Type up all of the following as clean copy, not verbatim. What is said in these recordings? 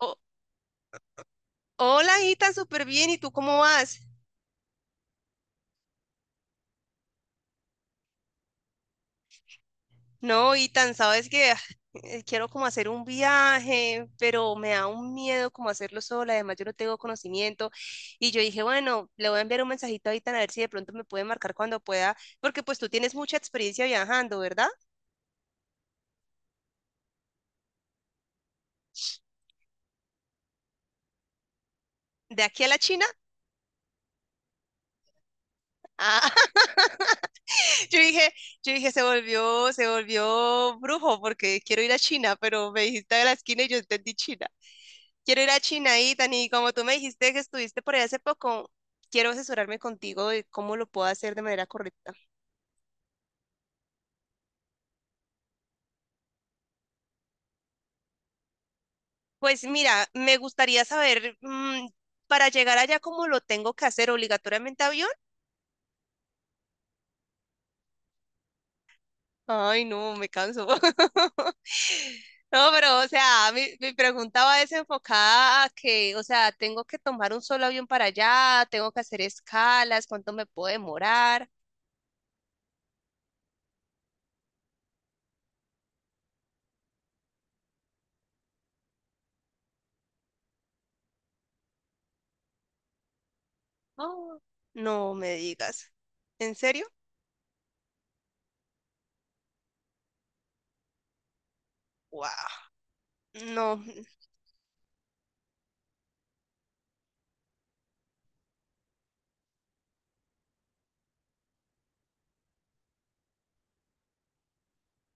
O- hola, Itan, súper bien. ¿Y tú cómo vas? No, Itan, sabes que quiero como hacer un viaje, pero me da un miedo como hacerlo sola. Además, yo no tengo conocimiento. Y yo dije, bueno, le voy a enviar un mensajito a Itan a ver si de pronto me puede marcar cuando pueda, porque pues tú tienes mucha experiencia viajando, ¿verdad? ¿De aquí a la China? ah, Yo dije, yo dije, se volvió brujo porque quiero ir a China, pero me dijiste de la esquina y yo entendí China. Quiero ir a China, Ethan, y como tú me dijiste que estuviste por allá hace poco, quiero asesorarme contigo de cómo lo puedo hacer de manera correcta. Pues mira, me gustaría saber, para llegar allá, ¿cómo lo tengo que hacer? ¿Obligatoriamente avión? Ay, no, me canso. No, pero, o sea, mi pregunta va desenfocada a que, o sea, tengo que tomar un solo avión para allá, tengo que hacer escalas, ¿cuánto me puedo demorar? Oh, no me digas. ¿En serio? Wow. No,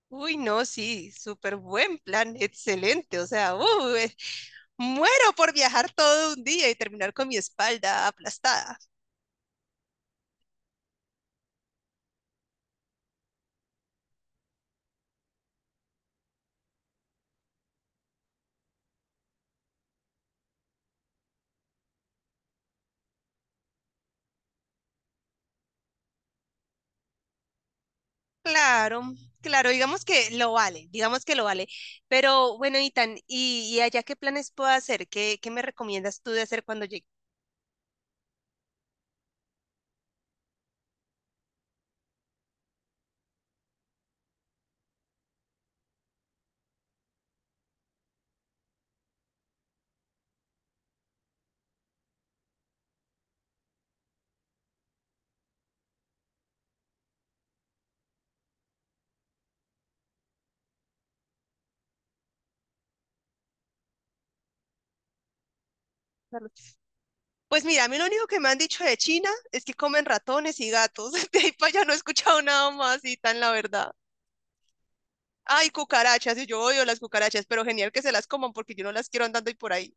uy, no, sí, súper buen plan, excelente, o sea, muero por viajar todo un día y terminar con mi espalda aplastada. Claro, claro, digamos que lo vale, digamos que lo vale. Pero bueno, Itan, ¿y allá qué planes puedo hacer? ¿Qué me recomiendas tú de hacer cuando llegue? Pues mira, a mí lo único que me han dicho de China es que comen ratones y gatos. De ahí para allá no he escuchado nada más, Itan, la verdad. Ay, cucarachas, y yo odio las cucarachas, pero genial que se las coman porque yo no las quiero andando y por ahí.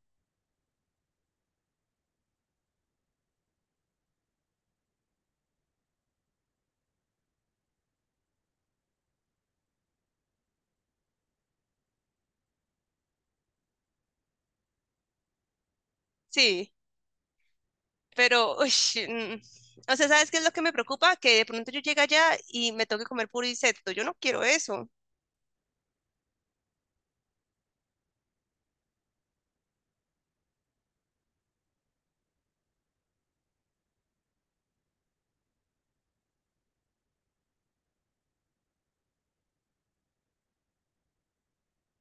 Sí, pero, uy, o sea, ¿sabes qué es lo que me preocupa? Que de pronto yo llegue allá y me toque comer puro insecto. Yo no quiero eso.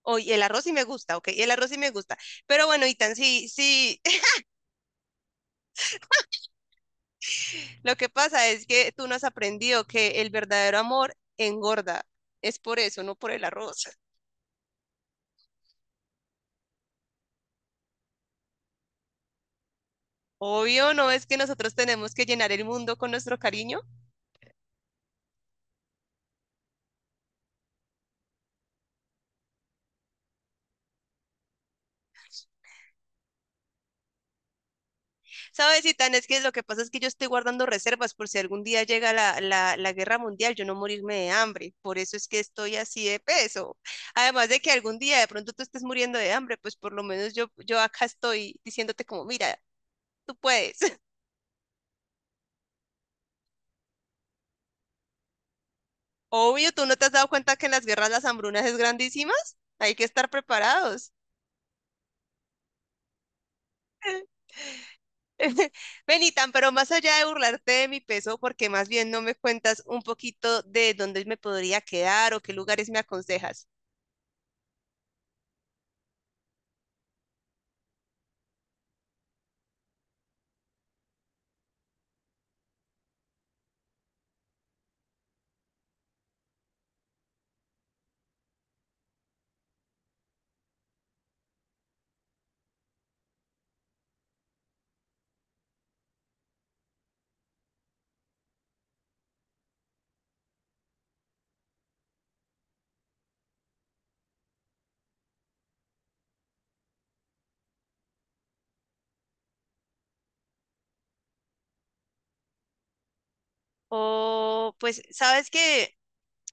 Oh, y el arroz sí me gusta, ok, y el arroz sí me gusta. Pero bueno, Itan, sí, sí, lo que pasa es que tú no has aprendido que el verdadero amor engorda. Es por eso, no por el arroz. Obvio, no es que nosotros tenemos que llenar el mundo con nuestro cariño. Sabes, Itan, es que lo que pasa es que yo estoy guardando reservas por si algún día llega la guerra mundial, yo no morirme de hambre. Por eso es que estoy así de peso. Además de que algún día de pronto tú estés muriendo de hambre, pues por lo menos yo acá estoy diciéndote como, mira, tú puedes. Obvio, ¿tú no te has dado cuenta que en las guerras las hambrunas es grandísimas? Hay que estar preparados. Benitan, pero más allá de burlarte de mi peso, porque más bien no me cuentas un poquito de dónde me podría quedar o qué lugares me aconsejas. O pues, sabes que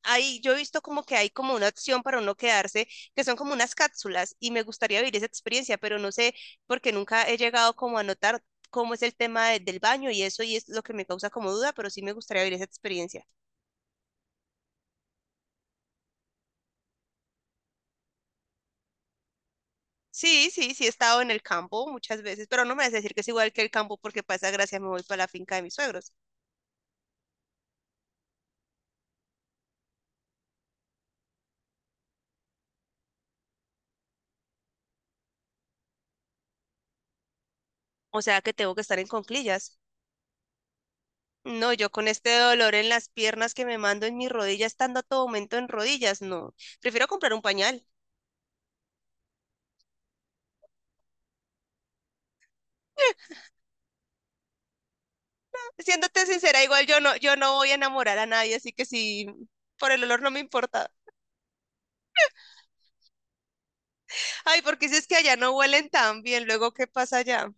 hay, yo he visto como que hay como una opción para uno quedarse, que son como unas cápsulas y me gustaría vivir esa experiencia, pero no sé porque nunca he llegado como a notar cómo es el tema de- del baño y eso y es lo que me causa como duda, pero sí me gustaría vivir esa experiencia. Sí, sí, sí he estado en el campo muchas veces, pero no me vas a decir que es igual que el campo porque para esa gracia me voy para la finca de mis suegros. O sea que tengo que estar en conclillas. No, yo con este dolor en las piernas que me mando en mis rodillas, estando a todo momento en rodillas, no. Prefiero comprar un pañal. Siéndote sincera, igual yo no, yo no voy a enamorar a nadie, así que sí, por el olor no me importa. Ay, porque si es que allá no huelen tan bien, luego ¿qué pasa allá?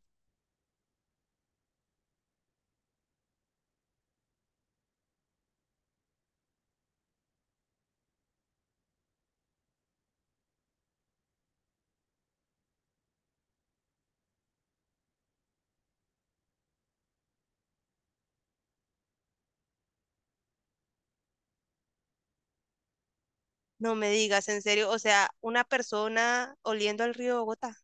No me digas, en serio, o sea, una persona oliendo al río Bogotá.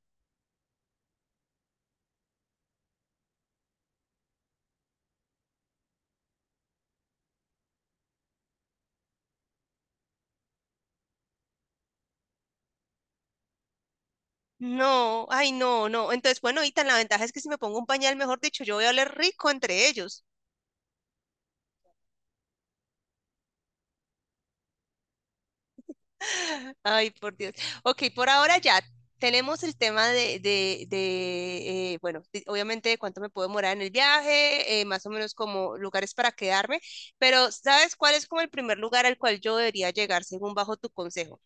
No, ay, no, no. Entonces, bueno, y ahorita la ventaja es que si me pongo un pañal, mejor dicho, yo voy a oler rico entre ellos. Ay, por Dios. Ok, por ahora ya tenemos el tema de obviamente de cuánto me puedo demorar en el viaje, más o menos como lugares para quedarme, pero ¿sabes cuál es como el primer lugar al cual yo debería llegar según bajo tu consejo?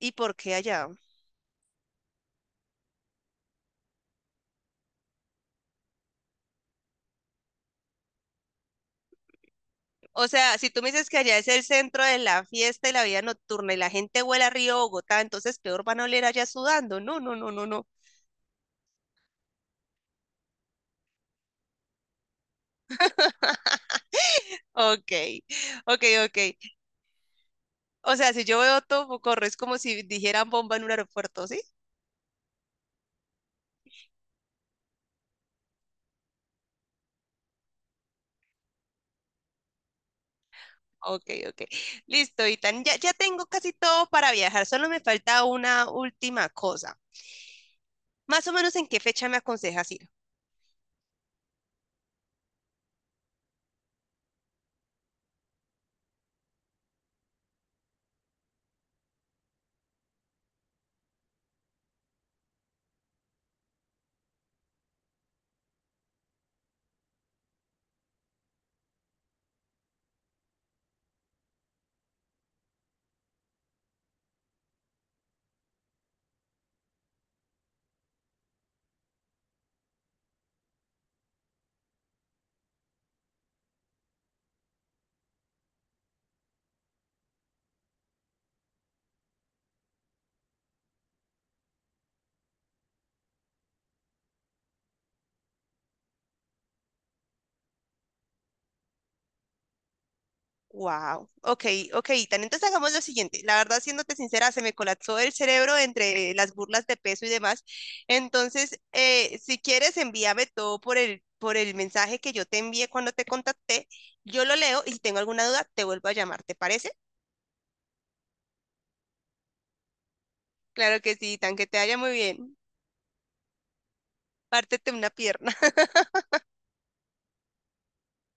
¿Y por qué allá? O sea, si tú me dices que allá es el centro de la fiesta y la vida nocturna y la gente huele a Río Bogotá, entonces peor van a oler allá sudando. No, no, no, no, no. Ok, ok, ok. O sea, si yo veo todo, corre, es como si dijeran bomba en un aeropuerto, ¿sí? Ok, ok. Listo, Itan. Ya tengo casi todo para viajar, solo me falta una última cosa. Más o menos en qué fecha me aconsejas ir. Wow, ok, ok, Tan. Entonces hagamos lo siguiente. La verdad, siéndote sincera, se me colapsó el cerebro entre las burlas de peso y demás. Entonces, si quieres, envíame todo por el mensaje que yo te envié cuando te contacté. Yo lo leo y si tengo alguna duda, te vuelvo a llamar. ¿Te parece? Claro que sí, tan que te vaya muy bien. Pártete una pierna.